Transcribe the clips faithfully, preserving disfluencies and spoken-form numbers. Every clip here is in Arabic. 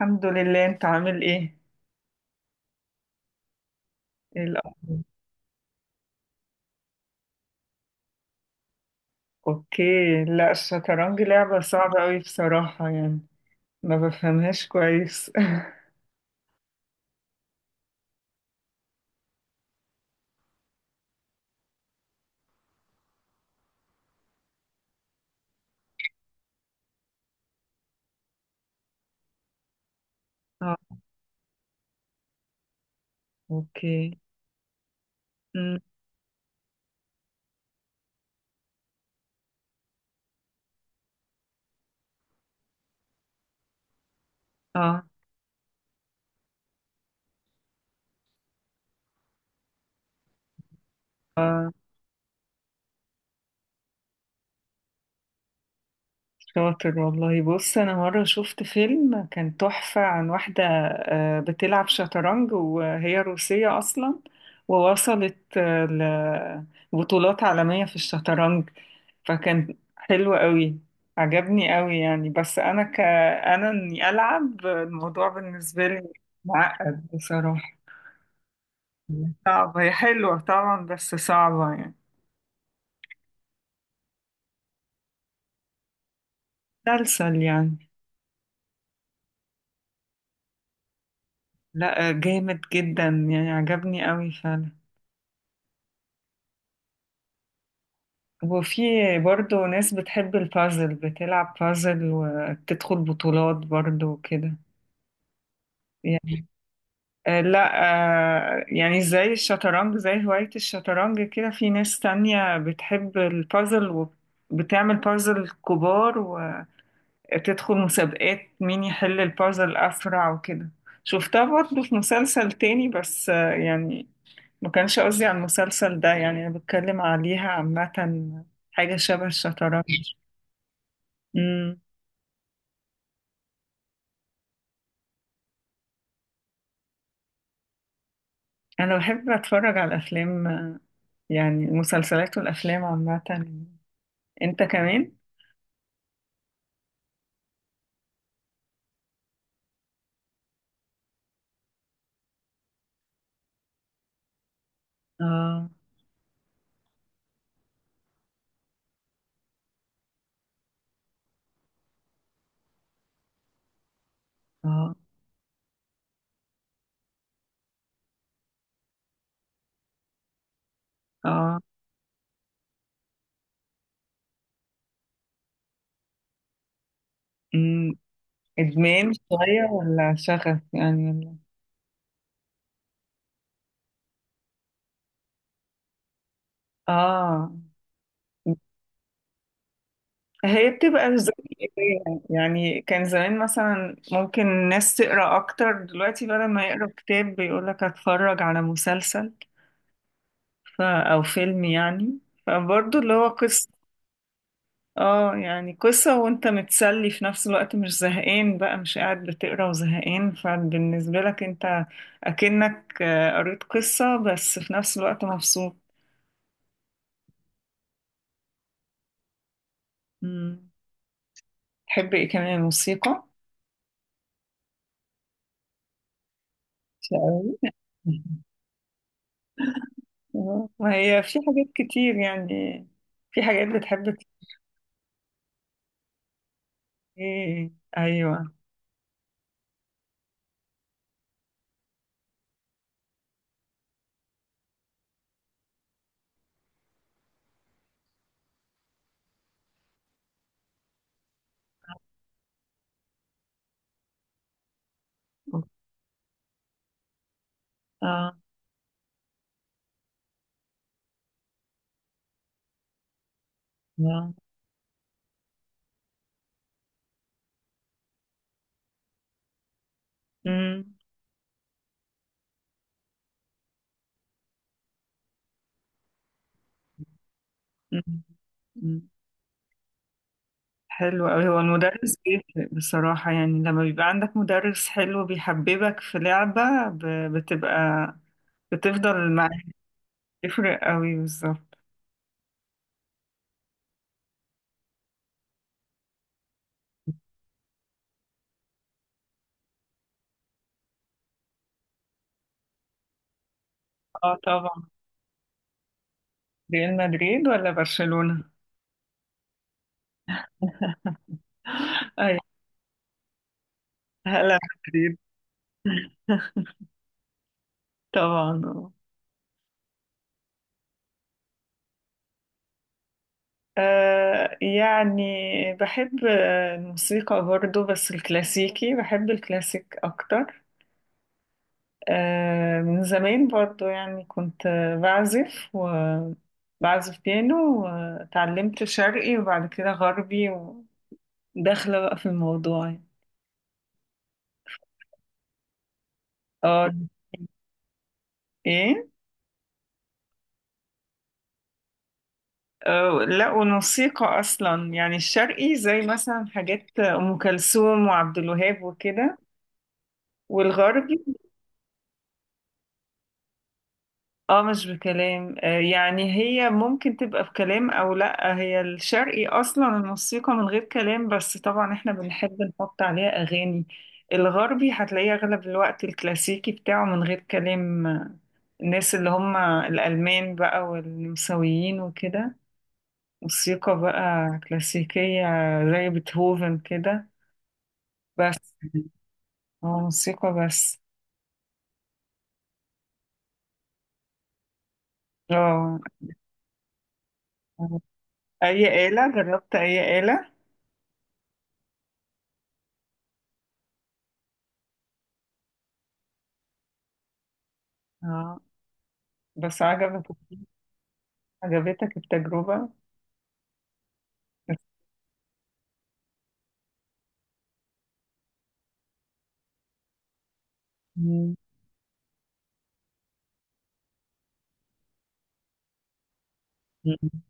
الحمد لله، انت عامل ايه؟ ايه الاخبار؟ اوكي. لا الشطرنج لعبة صعبة قوي بصراحة يعني ما بفهمهاش كويس. اه. اوكي. امم، اه، شاطر والله. بص انا مره شفت فيلم كان تحفه عن واحده آه، بتلعب شطرنج وهي روسيه اصلا، ووصلت آه، لبطولات عالميه في الشطرنج، فكان حلو قوي، عجبني قوي يعني. بس انا ك انا اني العب الموضوع بالنسبه لي معقد بصراحه. صعبه، هي حلوه طبعا بس صعبه يعني. مسلسل يعني. لا جامد جدا يعني، عجبني قوي فعلا. وفي برضه ناس بتحب البازل، بتلعب بازل وتدخل بطولات برضه وكده. يعني آه لا، آه يعني زي الشطرنج، زي هواية الشطرنج كده في ناس تانية بتحب البازل وبتعمل بازل كبار وتدخل مسابقات مين يحل البازل أسرع وكده. شفتها برضه في مسلسل تاني بس آه يعني ما كانش قصدي على المسلسل ده، يعني أنا بتكلم عليها عامة، حاجة شبه الشطرنج. انا بحب اتفرج على الافلام، آه، يعني المسلسلات والافلام عامه. انت كمان؟ اه. اه. اه. أمم. ادمان شويه ولا شغف يعني ولا؟ اه. هي بتبقى زي قراية. يعني كان زمان مثلا ممكن الناس تقرا اكتر، دلوقتي بدل ما يقرا كتاب بيقولك اتفرج على مسلسل ف... او فيلم يعني. فبرضه اللي هو قصه، اه يعني قصة وانت متسلي في نفس الوقت، مش زهقان بقى، مش قاعد بتقرا وزهقان. فبالنسبة لك انت اكنك آه، قريت قصة بس في نفس الوقت مبسوط. مم. تحب ايه كمان؟ موسيقى؟ شقاوي؟ آه، ما هي في حاجات كتير يعني. في حاجات بتحب ت- ايه؟ ايوه. اه. آه. مم. مم. حلو أوي. هو المدرس بيفرق بصراحة يعني، لما بيبقى عندك مدرس حلو بيحببك في لعبة ب- بتبقى بتفضل معاك. تفرق أوي بالظبط. اه طبعا. ريال مدريد ولا برشلونة؟ أيوة. هلا مدريد. طبعا آه. آه، يعني بحب آه، الموسيقى برضو، بس الكلاسيكي، بحب الكلاسيك أكتر. آه، من زمان برضو يعني، كنت آه، بعزف، وبعزف بيانو، وتعلمت شرقي وبعد كده غربي، وداخلة بقى في الموضوع يعني. اه. ايه؟ آه، لا والموسيقى اصلا يعني، الشرقي زي مثلا حاجات ام كلثوم وعبد الوهاب وكده، والغربي. اه مش بكلام، آه، يعني هي ممكن تبقى بكلام او لا، هي الشرقي اصلا الموسيقى من غير كلام، بس طبعا احنا بنحب نحط عليها اغاني. الغربي هتلاقيه اغلب الوقت الكلاسيكي بتاعه من غير كلام، آه، الناس اللي هم الالمان بقى والنمساويين وكده، موسيقى بقى كلاسيكية زي بيتهوفن كده، بس. اه موسيقى بس. اه. آه. اي آلة جربت؟ اي آلة؟ اه. بس عجبك؟ عجبتك التجربة؟ مم. مم.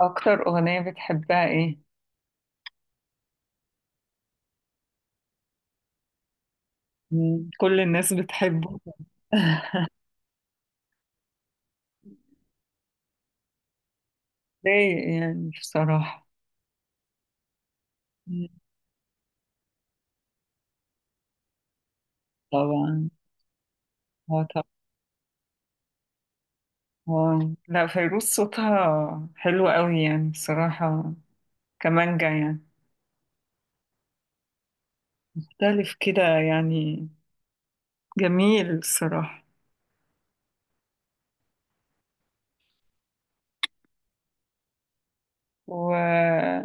أكتر أغنية بتحبها إيه؟ مم. كل الناس بتحبه. ليه يعني بصراحة؟ مم. طبعا. هو طبعا. واو، لا فيروز صوتها حلو قوي يعني بصراحة، كمانجا يعني. مختلف كده يعني، جميل الصراحة. و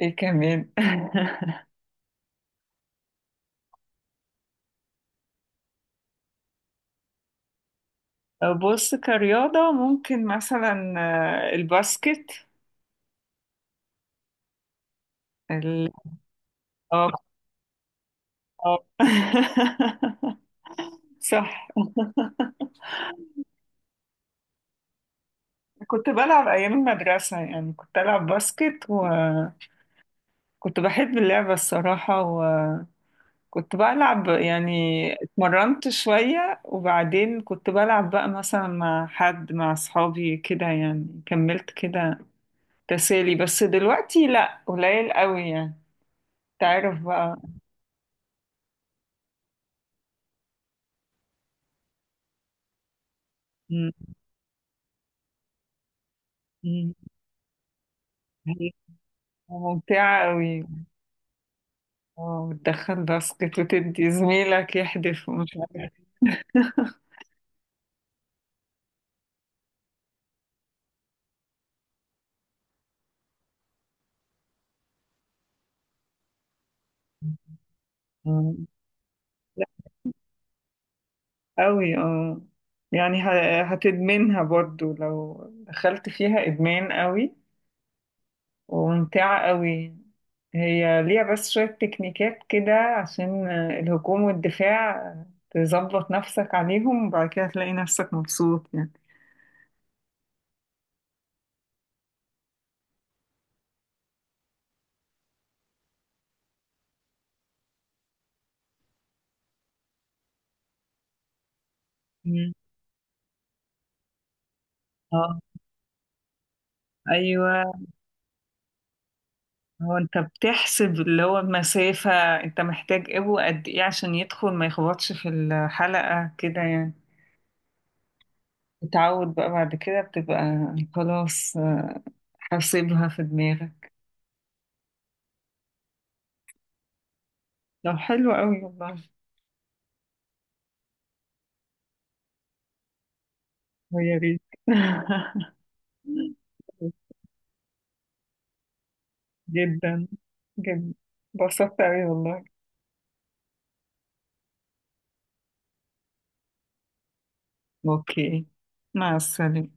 ايه كمان؟ بص، كرياضة ممكن مثلا، آه، الباسكت، ال... اه. آه. صح. كنت بلعب أيام المدرسة يعني، كنت ألعب باسكت، وكنت بحب اللعبة الصراحة، وكنت بلعب يعني، اتمرنت شوية وبعدين كنت بلعب بقى مثلا مع حد، مع أصحابي كده، يعني كملت كده تسالي بس، دلوقتي لأ، قليل قوي يعني. تعرف بقى. م- م- هي ممتعة قوي، وتدخل باسكت، وتدي زميلك يحدف ومش عارف. مم. لا قوي اه، يعني ه- هتدمنها برضو لو دخلت فيها، إدمان قوي، وممتعة قوي. هي ليها بس شوية تكنيكات كده عشان الهجوم والدفاع، تظبط نفسك عليهم وبعد كده تلاقي نفسك مبسوط يعني. مم. اه. ايوه. هو انت بتحسب اللي هو المسافة، انت محتاج ابو قد ايه عشان يدخل، ما يخبطش في الحلقة كده يعني. تتعود بقى بعد كده، بتبقى خلاص حاسبها في دماغك. لو حلو قوي والله. ويا ريت. جدا جدا، انبسطت قوي والله. اوكي، مع السلامة.